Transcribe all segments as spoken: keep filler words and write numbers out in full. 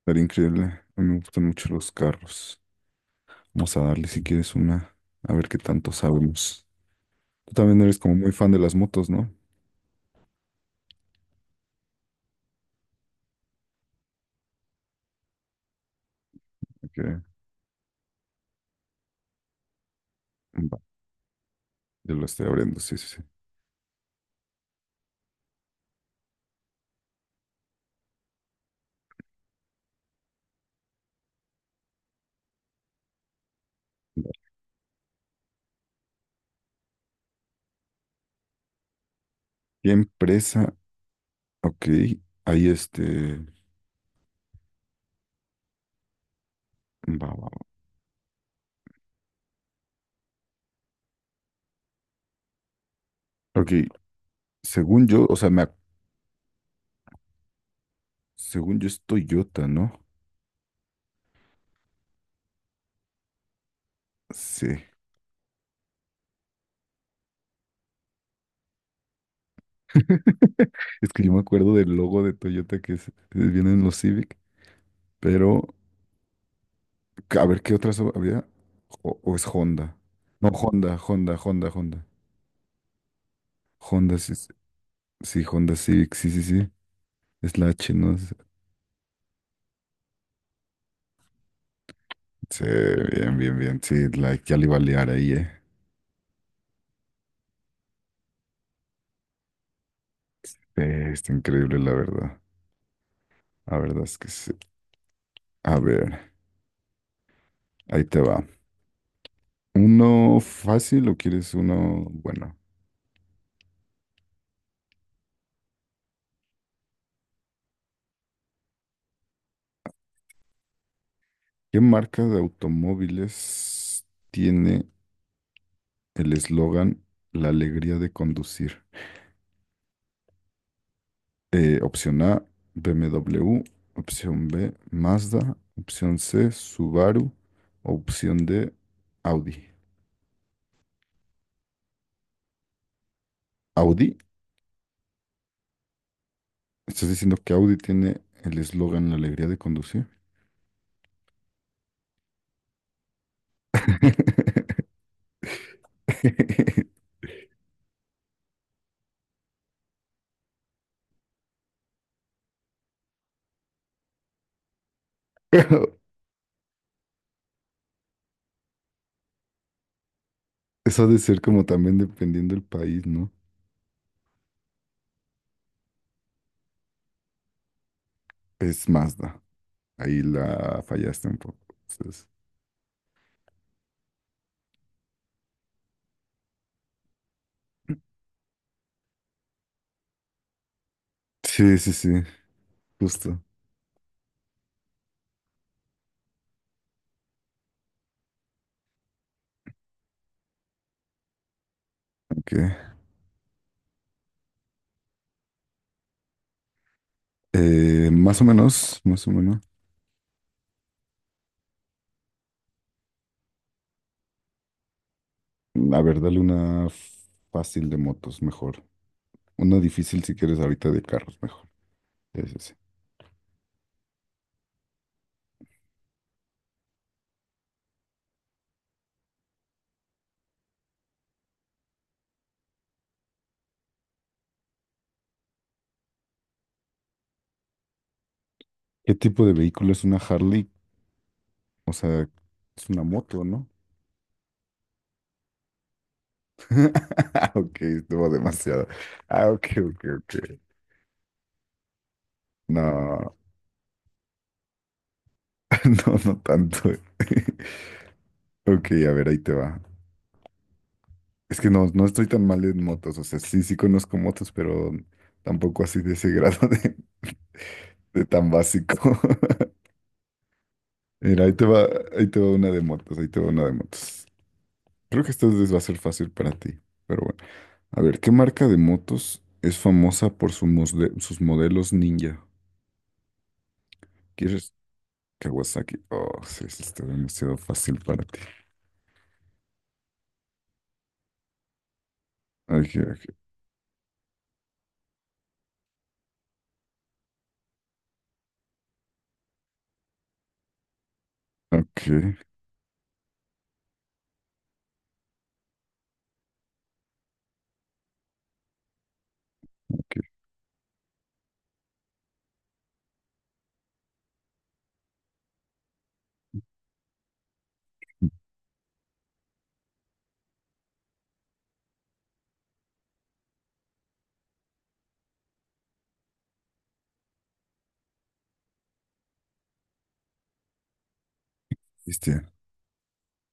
Estaría increíble. A mí me gustan mucho los carros. Vamos a darle si quieres una, a ver qué tanto sabemos. Tú también eres como muy fan de las motos, ¿no? Ok, va, yo lo estoy abriendo, sí, sí, sí. Va. ¿Qué empresa? Ok, ahí este. Va, va, va. Ok, según yo, o sea, me, ac- según yo es Toyota, ¿no? Sí. Es que yo me acuerdo del logo de Toyota que es- eh, viene en los Civic, pero a ver qué otras había. o o es Honda. No, Honda, Honda, Honda, Honda. Honda, sí, sí, sí, Honda Civic, sí, sí, sí. Es la H, ¿no? Sí, bien, bien, bien. Sí, like, ya le iba a liar ahí, eh. Eh, está increíble, la verdad. La verdad es que sí. A ver, ahí te va. ¿Uno fácil o quieres uno bueno? ¿Qué marca de automóviles tiene el eslogan La alegría de conducir? Eh, opción A, B M W. Opción B, Mazda. Opción C, Subaru. Opción D, Audi. Audi, estás diciendo que Audi tiene el eslogan La alegría de conducir. Pero eso ha de ser como también dependiendo del país, ¿no? Es Mazda. Ahí la fallaste un poco. Entonces, sí, sí, sí, justo. Ok. Eh, más o menos, más o menos. A ver, dale una fácil de motos, mejor. Una difícil si quieres ahorita de carros, mejor. Sí, sí, sí. ¿Qué tipo de vehículo es una Harley? O sea, es una moto, ¿no? Ok, estuvo demasiado. Ah, ok, ok, ok. No, no, no tanto. Ok, a ver, ahí te va. Es que no, no estoy tan mal en motos. O sea, sí, sí conozco motos, pero tampoco así de ese grado de, de tan básico. Mira, ahí te va, ahí te va una de motos, ahí te va una de motos. Creo que esta vez va a ser fácil para ti, pero bueno. A ver, ¿qué marca de motos es famosa por su mosde- sus modelos ninja? ¿Quieres Kawasaki? Oh, sí, sí, está demasiado fácil para ti. Ok, ok, ok, ok. Cristian.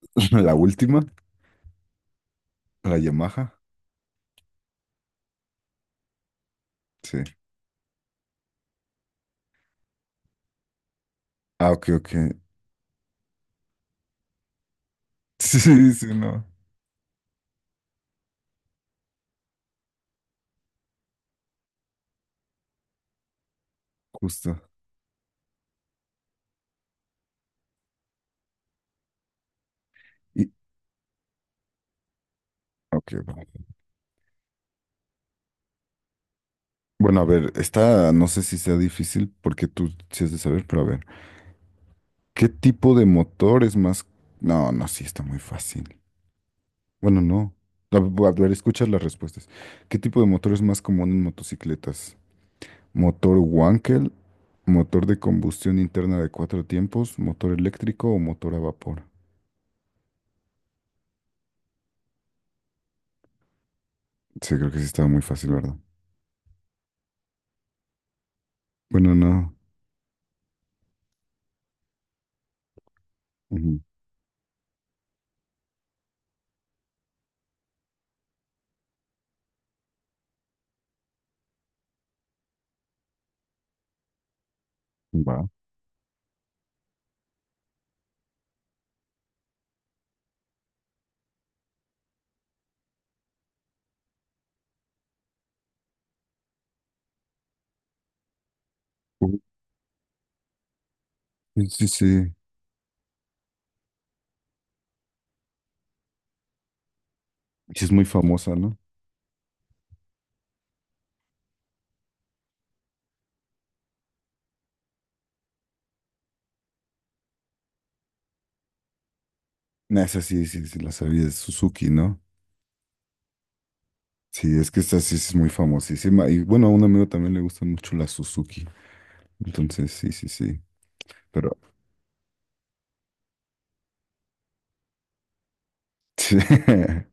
La última, la Yamaha. Sí. Ah, ok, ok. Sí, sí, no. Justo. Y, ok, va. Bueno, a ver, esta no sé si sea difícil porque tú sí has de saber, pero a ver. ¿Qué tipo de motor es más? No, no, sí, está muy fácil. Bueno, no. A ver, voy a ver, escucha las respuestas. ¿Qué tipo de motor es más común en motocicletas? ¿Motor Wankel? ¿Motor de combustión interna de cuatro tiempos? ¿Motor eléctrico o motor a vapor? Sí, creo que sí estaba muy fácil, ¿verdad? Bueno, no. Ujú. Va. Ujú. Sí, sí, sí. Sí, es muy famosa, ¿no? Nah, esa sí, sí, sí, la sabía, es Suzuki, ¿no? Sí, es que esta sí es muy famosísima. Y bueno, a un amigo también le gusta mucho la Suzuki. Entonces, sí, sí, sí. Pero, sí.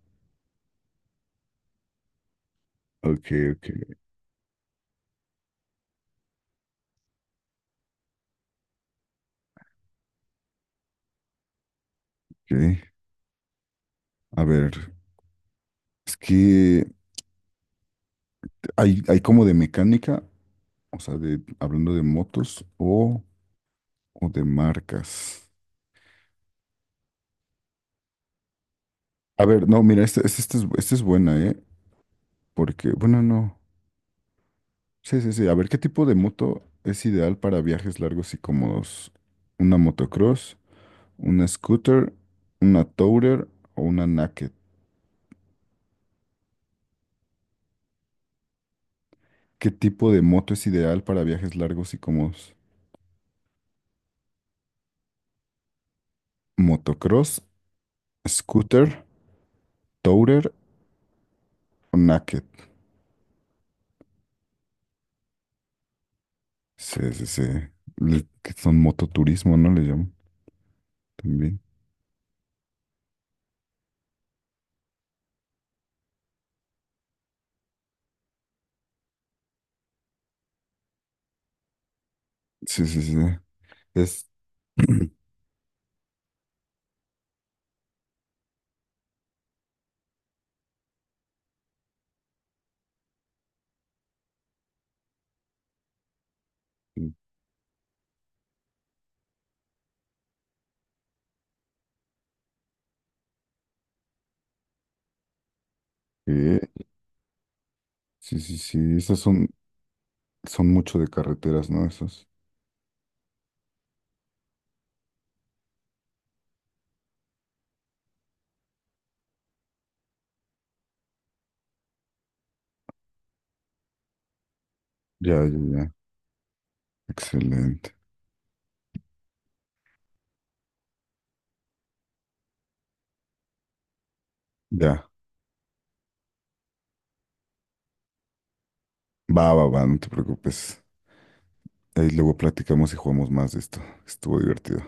Ok, ok, ok. A ver, es que hay, hay como de mecánica, o sea, de, hablando de motos o, o de marcas. A ver, no, mira, esta este, este es, esta es buena, ¿eh? Porque, bueno, no. Sí, sí, sí. A ver, ¿qué tipo de moto es ideal para viajes largos y cómodos? ¿Una motocross, una scooter, una tourer o una naked? ¿Qué tipo de moto es ideal para viajes largos y cómodos? ¿Motocross, scooter, tourer o naked? Sí, sí, sí. Le- que son mototurismo, ¿no? Le llaman también. Sí, sí, sí. Es... ¿qué? Sí, sí, sí. Esas son, son mucho de carreteras, ¿no? Esas. Ya, ya, ya. Excelente. Ya. Va, va, va, no te preocupes. Ahí luego platicamos y jugamos más de esto. Estuvo divertido.